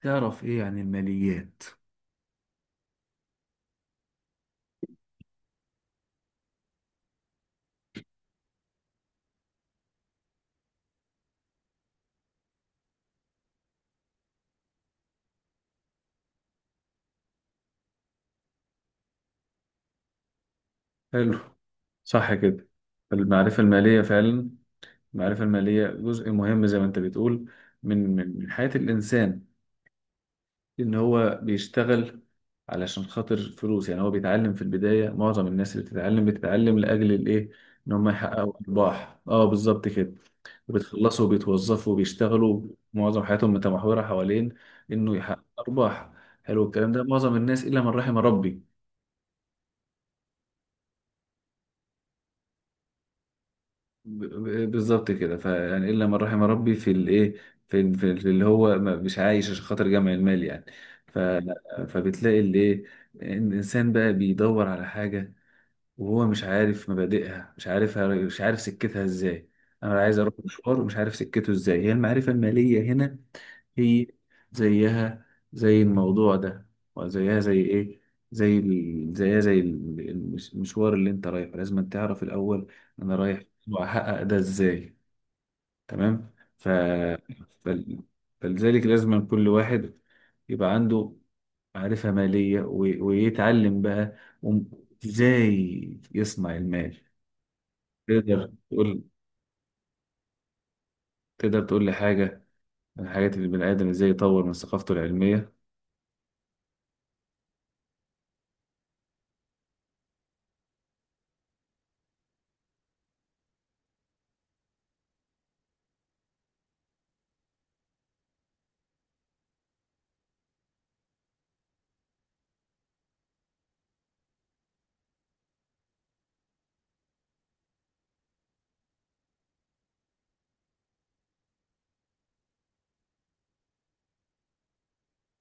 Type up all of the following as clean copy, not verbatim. تعرف إيه عن الماليات؟ حلو. صح كده. المعرفة المالية فعلا. المعرفة المالية جزء مهم زي ما انت بتقول من حياة الإنسان. إن هو بيشتغل علشان خاطر فلوس، يعني هو بيتعلم في البداية. معظم الناس اللي بتتعلم بتتعلم لأجل الإيه؟ إن هم يحققوا أرباح. اه، بالظبط كده. وبتخلصوا وبيتوظفوا وبيشتغلوا، معظم حياتهم متمحورة حوالين إنه يحقق أرباح. حلو الكلام ده، معظم الناس إلا من رحم ربي. بالظبط كده، فيعني الا من رحم ربي في الايه، في اللي هو مش عايش عشان خاطر جمع المال يعني. ف فبتلاقي اللي ايه، إن الانسان بقى بيدور على حاجه وهو مش عارف مبادئها، مش عارفها، مش عارف سكتها ازاي. انا عايز اروح مشوار ومش عارف سكته ازاي، هي المعرفه الماليه هنا في، زيها زي الموضوع ده، وزيها زي ايه، زي ال... زيها زي ال- المش- المشوار اللي انت رايحه لازم أن تعرف الاول انا رايح واحقق ده ازاي. تمام. فل... فلذلك لازم أن كل واحد يبقى عنده معرفة مالية، ويتعلم بقى وم- ازاي يصنع المال. تقدر تقول، تقدر تقول لي حاجة من الحاجات اللي البني آدم ازاي يطور من ثقافته العلمية؟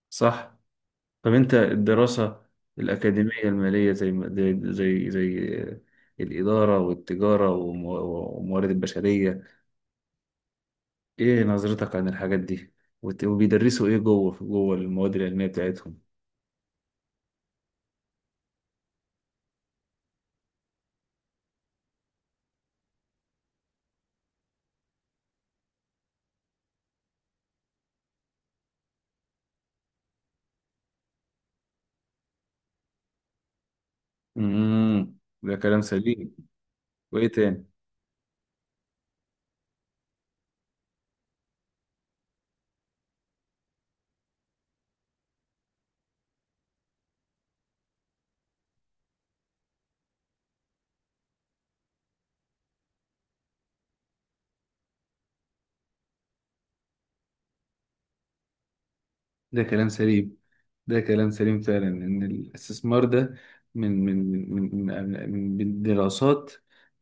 صح. طب انت الدراسة الأكاديمية المالية زي ما- زي زي زي الإدارة والتجارة والموارد البشرية، ايه نظرتك عن الحاجات دي؟ وبيدرسوا ايه جوه، في جوه المواد العلمية بتاعتهم؟ امم، ده كلام سليم. وايه تاني؟ ده كلام سليم، ده كلام سليم فعلا، ان الاستثمار ده من دراسات،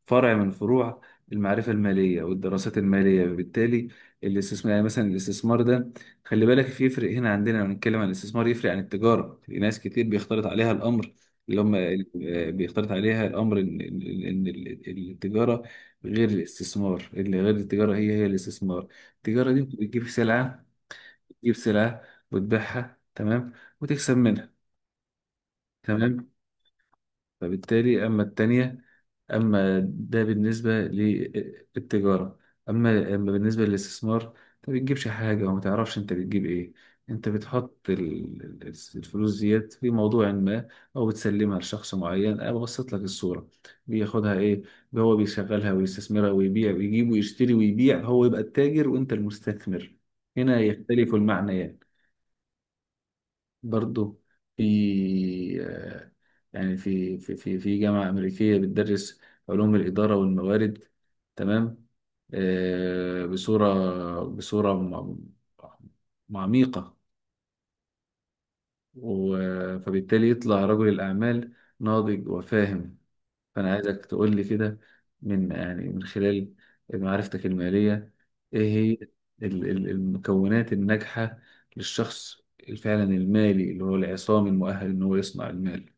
فرع من فروع المعرفة المالية والدراسات المالية. وبالتالي الاستثمار، يعني مثلا الاستثمار ده، خلي بالك في يفرق هنا عندنا لما بنتكلم عن الاستثمار، يفرق عن التجارة. في ناس كتير بيختلط عليها الأمر، اللي هم بيختلط عليها الأمر إن التجارة غير الاستثمار، اللي غير التجارة هي الاستثمار. التجارة دي أنت بتجيب سلعة، تجيب سلعة وتبيعها، تمام، وتكسب منها. تمام، فبالتالي أما التانية، أما ده بالنسبة للتجارة، أما بالنسبة للاستثمار، أنت ما بتجيبش حاجة وما تعرفش أنت بتجيب إيه. أنت بتحط الفلوس ديت في موضوع ما، أو بتسلمها لشخص معين. أنا ببسط لك الصورة، بياخدها إيه، هو بيشغلها ويستثمرها ويبيع ويجيب ويشتري ويبيع، هو يبقى التاجر وأنت المستثمر. هنا يختلف المعنيات. برضه في آه، يعني في جامعة أمريكية بتدرس علوم الإدارة والموارد، تمام، بصورة عميقة. فبالتالي يطلع رجل الأعمال ناضج وفاهم. فأنا عايزك تقول لي كده، من يعني من خلال معرفتك المالية، إيه هي المكونات الناجحة للشخص فعلا المالي، اللي هو العصام المؤهل إن هو يصنع المال؟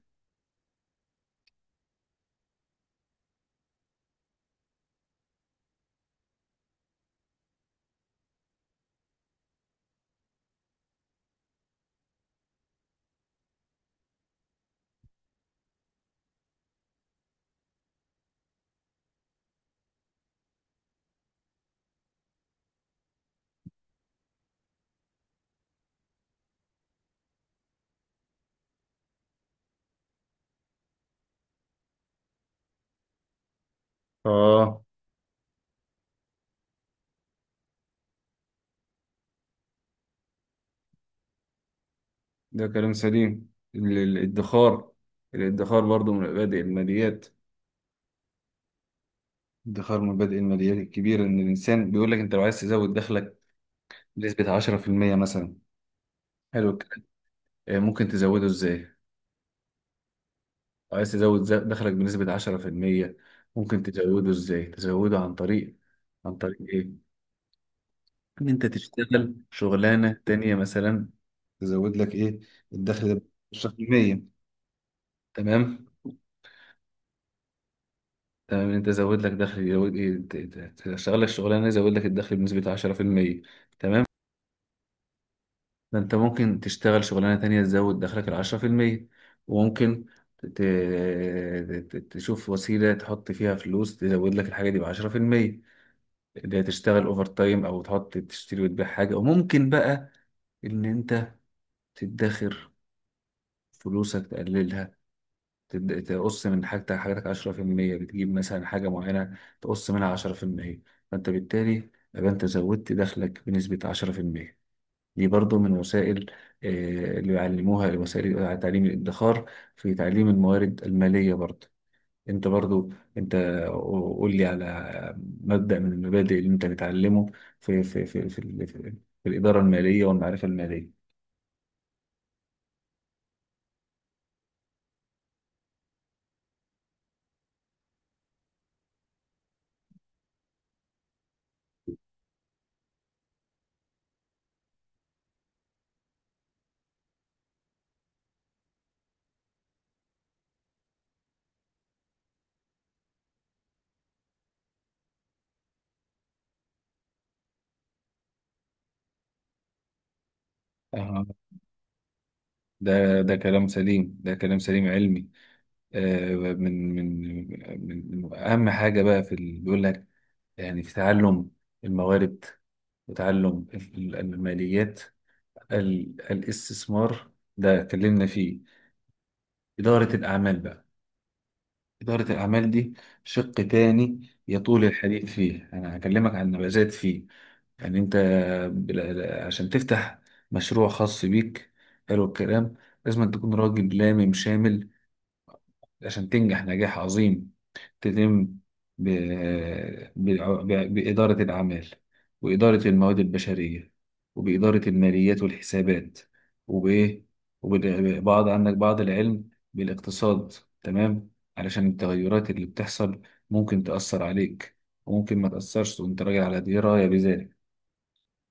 آه، ده كلام سليم. الادخار الادخار برضو من مبادئ الماليات. الادخار من مبادئ الماليات الكبيرة. إن الإنسان بيقول لك أنت لو عايز تزود دخلك بنسبة 10% مثلا، حلو الكلام. ممكن تزوده إزاي؟ عايز تزود دخلك بنسبة 10%، ممكن تزوده ازاي؟ تزوده عن طريق، عن طريق ايه؟ ان انت تشتغل شغلانة تانية مثلا، تزود لك ايه، الدخل ده 10%. تمام؟ تمام، ان انت زود لك دخل، يزود ايه، تشتغل لك شغلانة يزود لك الدخل بنسبة 10%. تمام؟ فانت ممكن تشتغل شغلانة تانية تزود دخلك ال 10%، وممكن ت- ت- تشوف وسيلة تحط فيها فلوس تزود لك الحاجة دي بعشرة في المية، اللي هي تشتغل اوفر تايم او تحط تشتري وتبيع حاجه. وممكن بقى ان انت تدخر فلوسك، تقللها، تقص من حاجتك، حاجتك 10%، بتجيب مثلا حاجه معينه تقص منها 10%، فانت بالتالي يبقى انت زودت دخلك بنسبه 10%. دي برضو من وسائل اللي بيعلموها، وسائل تعليم الادخار في تعليم الموارد الماليه برضو. انت برضو، انت قول لي على مبدأ من المبادئ اللي انت بتعلمه في في الإدارة المالية والمعرفة المالية. آه. ده، ده كلام سليم، ده كلام سليم علمي. آه من من من أهم حاجة بقى في اللي بيقول لك، يعني في تعلم الموارد وتعلم الماليات. الاستثمار ده اتكلمنا فيه. إدارة الأعمال بقى، إدارة الأعمال دي شق تاني يطول الحديث فيه. أنا هكلمك عن نبذات فيه. يعني أنت عشان تفتح مشروع خاص بيك، حلو الكلام، لازم أن تكون راجل لامم شامل عشان تنجح نجاح عظيم. تلم بإدارة الأعمال، وإدارة المواد البشرية، وبإدارة الماليات والحسابات، وبإيه، وبعض، عندك بعض العلم بالاقتصاد. تمام، علشان التغيرات اللي بتحصل ممكن تأثر عليك، وممكن ما تأثرش وأنت راجع على دراية بذلك.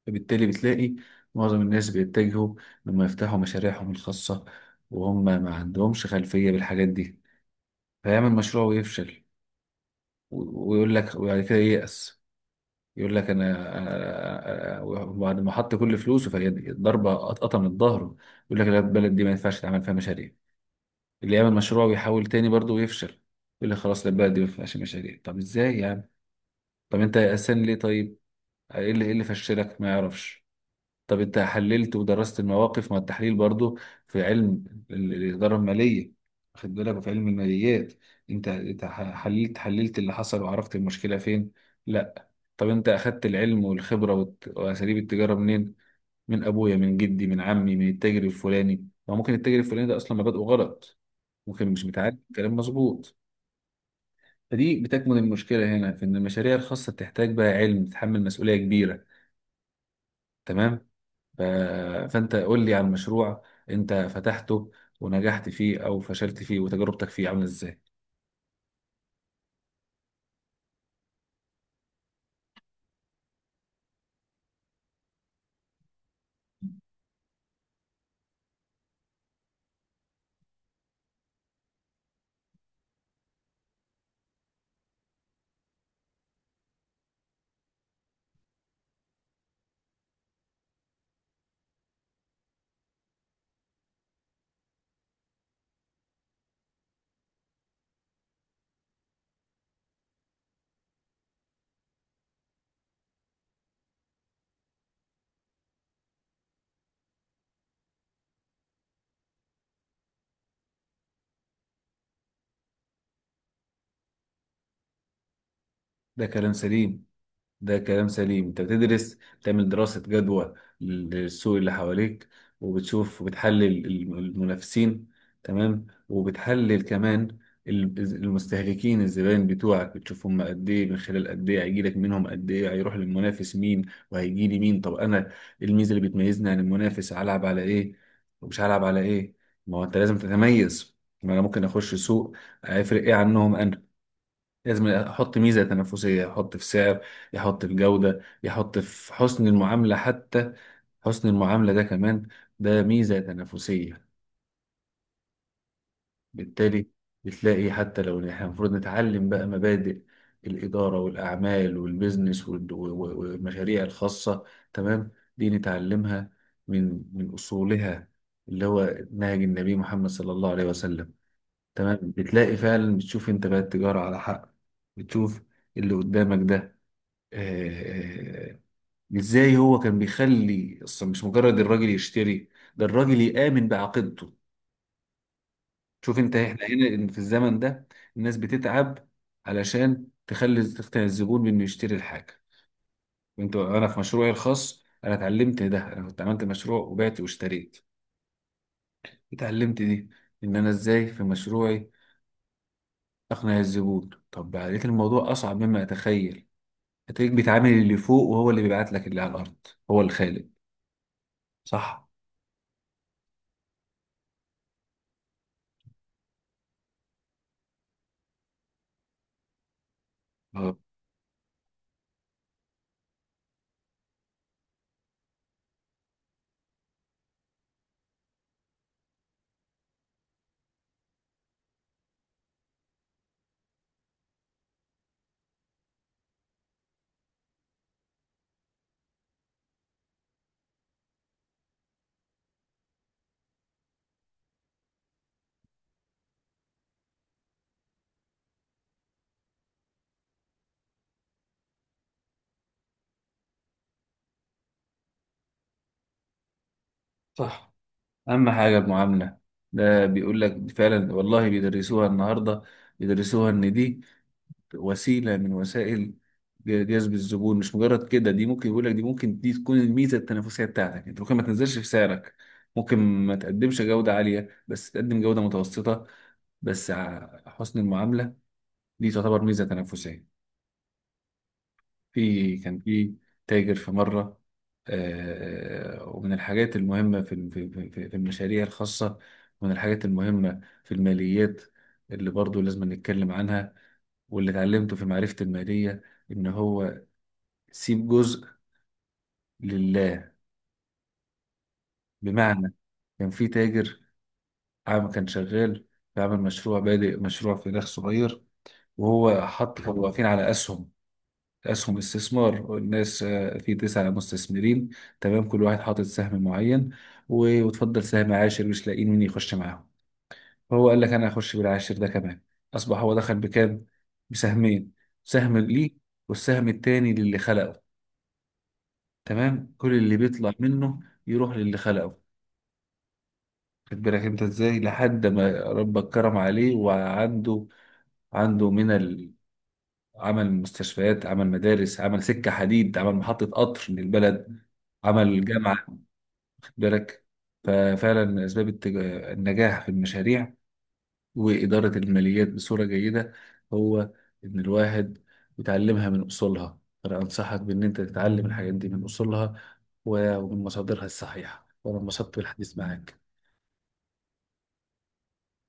فبالتالي بتلاقي معظم الناس بيتجهوا لما يفتحوا مشاريعهم الخاصة وهم ما عندهمش خلفية بالحاجات دي، فيعمل مشروع ويفشل، ويقول لك، وبعد كده ييأس، يقول لك، انا، وبعد ما حط كل فلوسه فهي الضربه، قطقطه من ظهره، يقول لك لا، البلد دي ما ينفعش تعمل فيها مشاريع. اللي يعمل مشروع ويحاول تاني برضه ويفشل يقول لك خلاص، لا، البلد دي ما ينفعش مشاريع. طب ازاي يعني؟ طب انت يأسان ليه؟ طيب ايه اللي، ايه اللي فشلك؟ ما يعرفش. طب انت حللت ودرست المواقف؟ ما التحليل برضه في علم الاداره الماليه، واخد بالك، وفي علم الماليات. انت حللت اللي حصل وعرفت المشكله فين؟ لا. طب انت اخدت العلم والخبرة واساليب التجارة منين؟ من ابويا، من جدي، من عمي، من التاجر الفلاني. ما ممكن التاجر الفلاني ده اصلا مبادئه غلط، ممكن مش متعلم، كلام مظبوط. فدي بتكمن المشكلة هنا، في ان المشاريع الخاصة بتحتاج بقى علم، تتحمل مسؤولية كبيرة. تمام. ف... فانت قول لي عن مشروع انت فتحته ونجحت فيه او فشلت فيه، وتجربتك فيه عاملة ازاي؟ ده كلام سليم، ده كلام سليم. انت بتدرس، بتعمل دراسة جدوى للسوق اللي حواليك، وبتشوف وبتحلل المنافسين، تمام، وبتحلل كمان المستهلكين، الزبائن بتوعك، بتشوف هم قد ايه، من خلال قد ايه هيجيلك منهم، قد ايه هيروح للمنافس مين وهيجي لي مين. طب انا الميزة اللي بتميزني عن المنافس هلعب على ايه ومش هلعب على ايه؟ ما هو انت لازم تتميز، ما انا ممكن اخش سوق هيفرق ايه عنهم انا؟ لازم احط ميزه تنافسيه، احط في سعر، يحط في جوده، يحط في حسن المعامله حتى، حسن المعامله ده كمان ده ميزه تنافسيه. بالتالي بتلاقي حتى لو إن احنا المفروض نتعلم بقى مبادئ الاداره والاعمال والبيزنس والمشاريع الخاصه، تمام، دي نتعلمها من اصولها، اللي هو نهج النبي محمد صلى الله عليه وسلم. تمام، بتلاقي فعلا بتشوف انت بقى التجاره على حق. بتشوف اللي قدامك ده، آه، ازاي هو كان بيخلي اصلا مش مجرد الراجل يشتري، ده الراجل يآمن بعقيدته. شوف انت، احنا هنا إن في الزمن ده الناس بتتعب علشان تخلي، تقنع الزبون بانه يشتري الحاجه. وانت، انا في مشروعي الخاص انا اتعلمت ده، انا كنت عملت مشروع وبعت واشتريت، اتعلمت دي، ان انا ازاي في مشروعي اقنع الزبون. طب لقيت الموضوع اصعب مما اتخيل. هتلاقيك بتعامل اللي فوق وهو اللي بيبعت لك اللي على الارض، هو الخالق. صح. آه. صح، أهم حاجة المعاملة. ده بيقول لك فعلا والله بيدرسوها النهاردة، بيدرسوها إن دي وسيلة من وسائل جذب الزبون، مش مجرد كده. دي ممكن يقول لك، دي ممكن دي تكون الميزة التنافسية بتاعتك، أنت ممكن ما تنزلش في سعرك، ممكن ما تقدمش جودة عالية بس تقدم جودة متوسطة، بس حسن المعاملة دي تعتبر ميزة تنافسية. في كان في تاجر في مرة. ومن الحاجات المهمة في المشاريع الخاصة، ومن الحاجات المهمة في الماليات اللي برضو لازم نتكلم عنها واللي اتعلمته في معرفة المالية، إن هو سيب جزء لله، بمعنى، كان في تاجر عام كان شغال بيعمل مشروع، بادئ مشروع في داخل صغير، وهو حط، كانوا واقفين على أسهم، اسهم استثمار الناس، في تسعة مستثمرين، تمام، كل واحد حاطط سهم معين، وتفضل سهم عاشر مش لاقيين مين يخش معاهم. فهو قال لك انا هخش بالعاشر ده كمان. اصبح هو دخل بكام؟ بسهمين، سهم ليه والسهم التاني للي خلقه. تمام، كل اللي بيطلع منه يروح للي خلقه. خد بالك انت ازاي لحد ما ربك كرم عليه، وعنده، عنده من، عمل مستشفيات، عمل مدارس، عمل سكة حديد، عمل محطة قطر للبلد، عمل جامعة. خد بالك. ففعلا أسباب النجاح في المشاريع وإدارة الماليات بصورة جيدة، هو إن الواحد يتعلمها من أصولها. أنا أنصحك بإن أنت تتعلم الحاجات دي من أصولها ومن مصادرها الصحيحة، وأنا انبسطت بالحديث معاك.